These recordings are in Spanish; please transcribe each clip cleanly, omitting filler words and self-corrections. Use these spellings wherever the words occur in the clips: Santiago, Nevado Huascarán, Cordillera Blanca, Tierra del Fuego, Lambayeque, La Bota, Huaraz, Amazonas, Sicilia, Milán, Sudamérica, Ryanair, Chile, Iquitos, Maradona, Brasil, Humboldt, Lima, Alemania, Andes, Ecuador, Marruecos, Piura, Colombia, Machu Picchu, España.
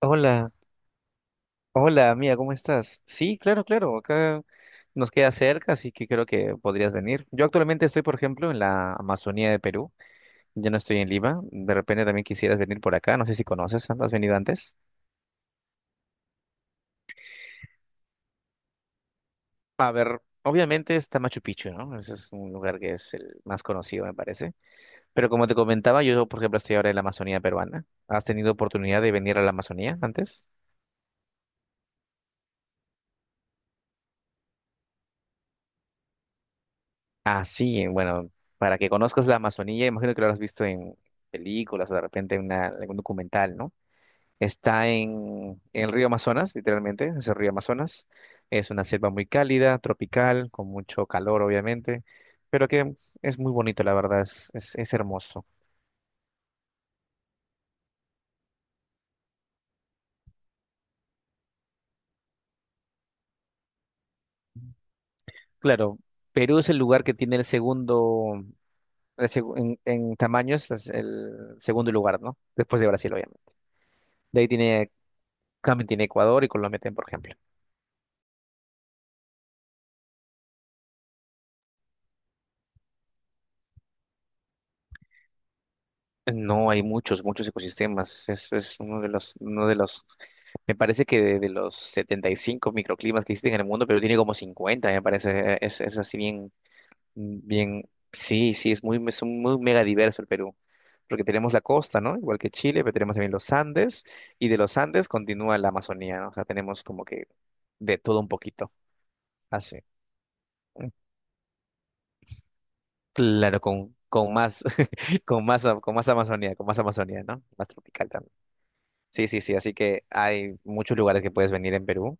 Hola, hola, mía, ¿cómo estás? Sí, claro, claro, acá nos queda cerca, así que creo que podrías venir. Yo actualmente estoy, por ejemplo, en la Amazonía de Perú, ya no estoy en Lima, de repente también quisieras venir por acá, no sé si conoces, ¿has venido antes? A ver, obviamente está Machu Picchu, ¿no? Ese es un lugar que es el más conocido, me parece. Pero como te comentaba, yo, por ejemplo, estoy ahora en la Amazonía peruana. ¿Has tenido oportunidad de venir a la Amazonía antes? Ah, sí, bueno, para que conozcas la Amazonía, imagino que lo habrás visto en películas o de repente en algún documental, ¿no? Está en el río Amazonas, literalmente, es el río Amazonas. Es una selva muy cálida, tropical, con mucho calor, obviamente, pero que es muy bonito, la verdad, es hermoso. Claro, Perú es el lugar que tiene el segundo, en tamaños, es el segundo lugar, ¿no? Después de Brasil, obviamente. De ahí tiene, también tiene Ecuador y Colombia, por ejemplo. No, hay muchos, muchos ecosistemas. Eso es uno de los, me parece que de los 75 microclimas que existen en el mundo, pero tiene como 50. Me parece. Es así bien, bien, sí, sí, es muy mega diverso el Perú. Porque tenemos la costa, ¿no? Igual que Chile, pero tenemos también los Andes, y de los Andes continúa la Amazonía, ¿no? O sea, tenemos como que de todo un poquito. Así. Mm, claro, con más, con más Amazonía, ¿no? Más tropical. Sí, sí, sí, así que hay muchos lugares que puedes venir en Perú.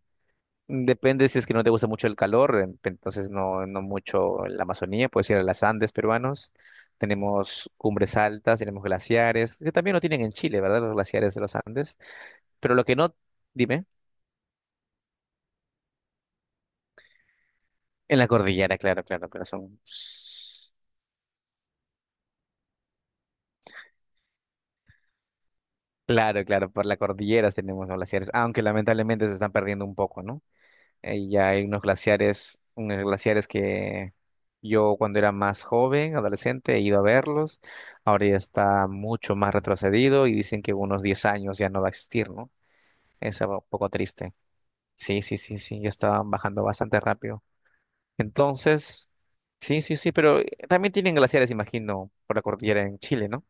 Depende si es que no te gusta mucho el calor, entonces no, no mucho la Amazonía, puedes ir a las Andes peruanos. Tenemos cumbres altas, tenemos glaciares, que también lo tienen en Chile, ¿verdad? Los glaciares de los Andes. Pero lo que no, dime, en la cordillera, claro, claro, pero son. Claro, claro, por la cordillera tenemos los glaciares, aunque lamentablemente se están perdiendo un poco, ¿no? Ya hay unos glaciares que yo cuando era más joven, adolescente, he ido a verlos. Ahora ya está mucho más retrocedido y dicen que unos 10 años ya no va a existir, ¿no? Es algo un poco triste. Sí, sí, sí, sí, ya estaban bajando bastante rápido. Entonces, sí, sí, sí, pero también tienen glaciares, imagino, por la cordillera en Chile, ¿no?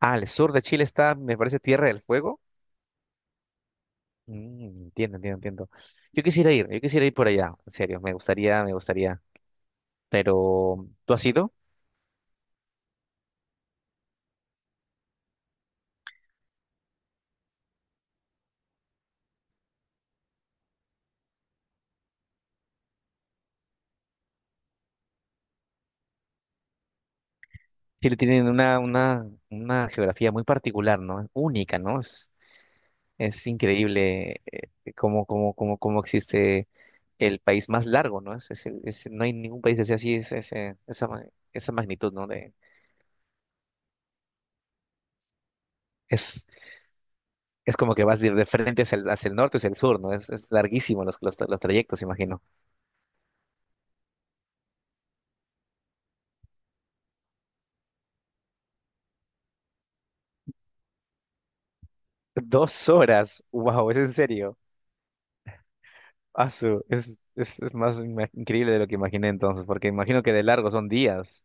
Ah, al sur de Chile está, me parece, Tierra del Fuego. Mm, entiendo, entiendo, entiendo. Yo quisiera ir por allá, en serio, me gustaría, me gustaría. Pero tú has ido. Chile tiene una geografía muy particular, ¿no? Única, ¿no? Es increíble cómo existe el país más largo, ¿no? No hay ningún país que sea así, es, ese- esa, ma- esa magnitud, ¿no? Es, es como que vas de frente hacia el norte, hacia el sur, ¿no? Es larguísimo los trayectos, imagino. 2 horas, wow, es en serio. Asu, es más increíble de lo que imaginé entonces, porque imagino que de largo son días.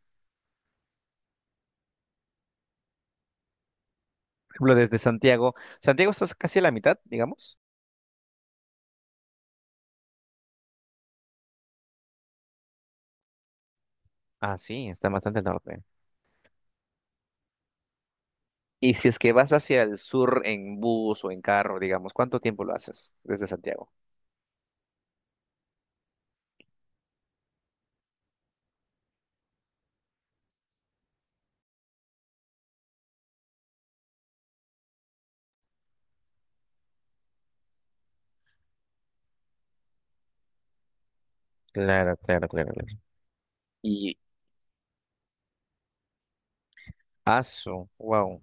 Ejemplo, desde Santiago está casi a la mitad, digamos. Ah, sí, está bastante al norte. Y si es que vas hacia el sur en bus o en carro, digamos, ¿cuánto tiempo lo haces desde Santiago? Claro, claro, claro, claro. Y aso, wow,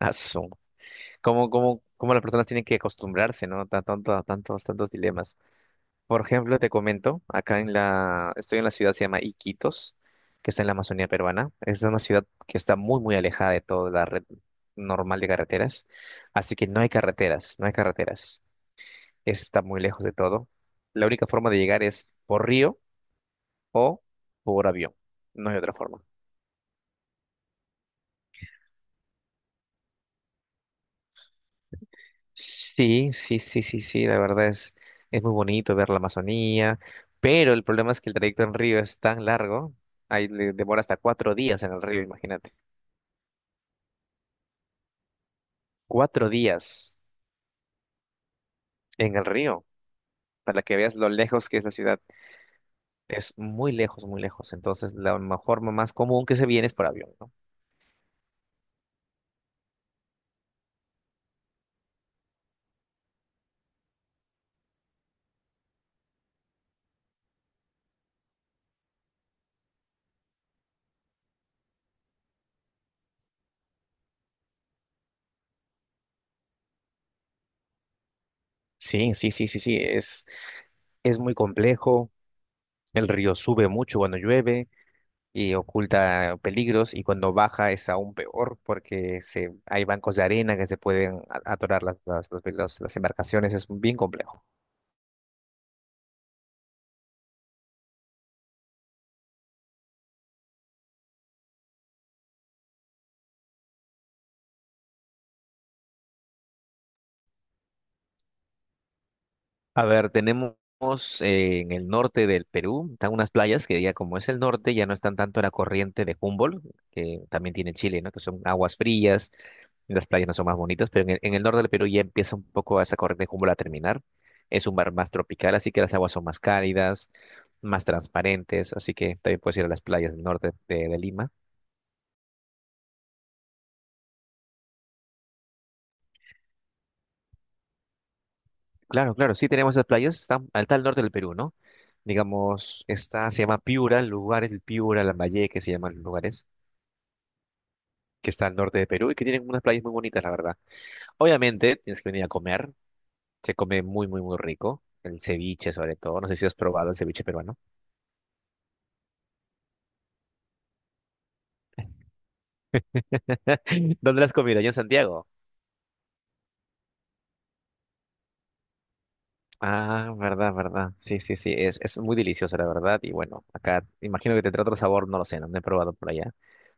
aso. ¿Cómo las personas tienen que acostumbrarse, ¿no? Tanto, a tantos dilemas. Por ejemplo, te comento, acá estoy en la ciudad, se llama Iquitos, que está en la Amazonía peruana. Es una ciudad que está muy, muy alejada de toda la red normal de carreteras, así que no hay carreteras, no hay carreteras. Está muy lejos de todo. La única forma de llegar es por río o por avión. No hay otra forma. Sí, sí, sí, sí, sí, la verdad es muy bonito ver la Amazonía, pero el problema es que el trayecto en río es tan largo, ahí le demora hasta 4 días en el río, imagínate. 4 días en el río, para que veas lo lejos que es la ciudad. Es muy lejos, muy lejos. Entonces, la mejor, más común que se viene es por avión, ¿no? Sí, sí, sí, sí, sí. Es muy complejo. El río sube mucho cuando llueve y oculta peligros. Y cuando baja es aún peor porque hay bancos de arena que se pueden atorar las embarcaciones. Es bien complejo. A ver, tenemos en el norte del Perú, están unas playas que ya como es el norte, ya no están tanto en la corriente de Humboldt, que también tiene Chile, ¿no? Que son aguas frías, las playas no son más bonitas, pero en el norte del Perú ya empieza un poco esa corriente de Humboldt a terminar. Es un mar más tropical, así que las aguas son más cálidas, más transparentes, así que también puedes ir a las playas del norte de Lima. Claro, claro, sí tenemos esas playas, están al tal norte del Perú, ¿no? Digamos, está, se llama Piura, el lugar es el Piura, Lambayeque, se llaman los lugares que está al norte de Perú y que tienen unas playas muy bonitas, la verdad. Obviamente, tienes que venir a comer. Se come muy, muy, muy rico. El ceviche, sobre todo. No sé si has probado el ceviche peruano. ¿Dónde lo has comido? Allá en Santiago. Ah, verdad, verdad. Sí, sí, sí. Es muy delicioso, la verdad. Y bueno, acá imagino que tendrá otro sabor, no lo sé, no lo he probado por allá.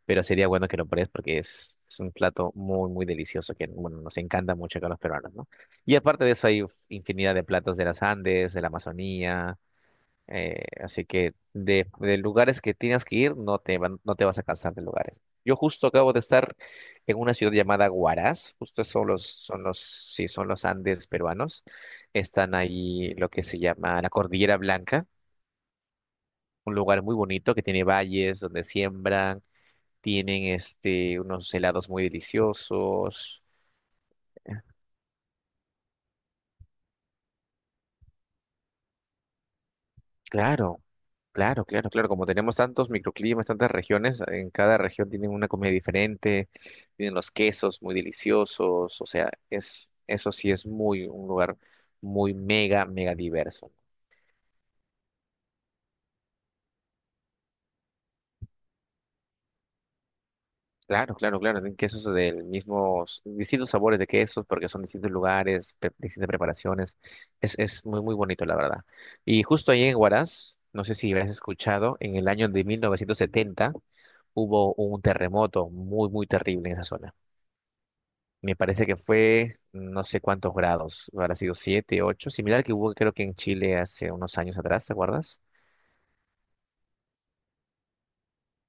Pero sería bueno que lo pruebes porque es un plato muy, muy delicioso que, bueno, nos encanta mucho acá a los peruanos, ¿no? Y aparte de eso, hay infinidad de platos de las Andes, de la Amazonía. Así que de lugares que tienes que ir, no te vas a cansar de lugares. Yo justo acabo de estar en una ciudad llamada Huaraz, justo son los Andes peruanos. Están ahí lo que se llama la Cordillera Blanca, un lugar muy bonito que tiene valles donde siembran, tienen unos helados muy deliciosos. Claro, claro, claro, claro. Como tenemos tantos microclimas, tantas regiones, en cada región tienen una comida diferente, tienen los quesos muy deliciosos, o sea, eso sí es un lugar muy mega, mega diverso. Claro, claro, claro. Tienen quesos del mismo, distintos sabores de quesos, porque son distintos lugares, distintas preparaciones. Es muy, muy bonito, la verdad. Y justo ahí en Huaraz, no sé si habrás escuchado, en el año de 1970 hubo un terremoto muy, muy terrible en esa zona. Me parece que fue no sé cuántos grados, habrá sido 7, 8, similar que hubo creo que en Chile hace unos años atrás, ¿te acuerdas?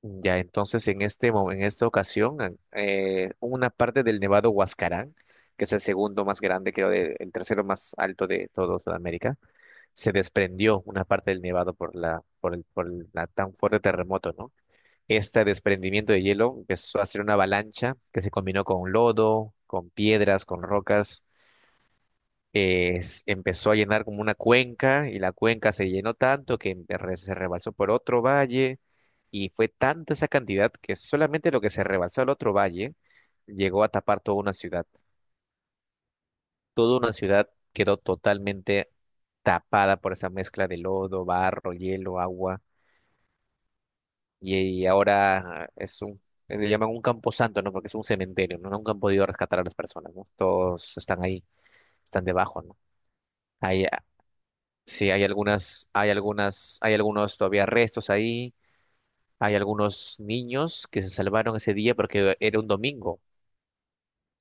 Ya, entonces en esta ocasión, una parte del Nevado Huascarán, que es el segundo más grande, creo, el tercero más alto de toda Sudamérica, se desprendió una parte del Nevado por la tan fuerte terremoto, ¿no? Este desprendimiento de hielo empezó a ser una avalancha que se combinó con lodo, con piedras, con rocas. Empezó a llenar como una cuenca y la cuenca se llenó tanto que se rebalsó por otro valle, y fue tanta esa cantidad que solamente lo que se rebalsó al otro valle llegó a tapar toda una ciudad. Toda una ciudad quedó totalmente tapada por esa mezcla de lodo, barro, hielo, agua, y, y ahora es un. Le llaman un camposanto, ¿no? Porque es un cementerio, ¿no? Nunca han podido rescatar a las personas, ¿no? Todos están ahí, están debajo, ¿no? Hay, Sí, hay algunos todavía restos ahí, hay algunos niños que se salvaron ese día porque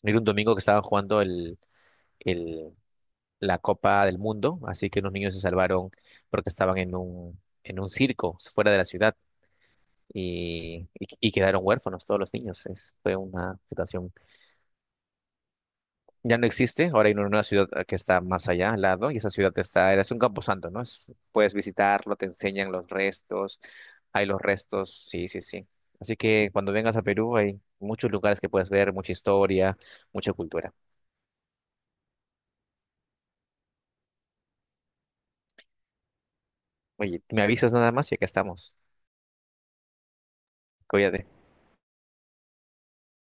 era un domingo que estaban jugando el, la Copa del Mundo, así que unos niños se salvaron porque estaban en un circo fuera de la ciudad, y quedaron huérfanos todos los niños. Fue una situación. Ya no existe, ahora hay una ciudad que está más allá, al lado, y esa ciudad está, es un camposanto, ¿no? Puedes visitarlo, te enseñan los restos, hay los restos, sí, sí, sí. Así que cuando vengas a Perú hay muchos lugares que puedes ver, mucha historia, mucha cultura. Oye, me avisas nada más y acá estamos. Cuídate.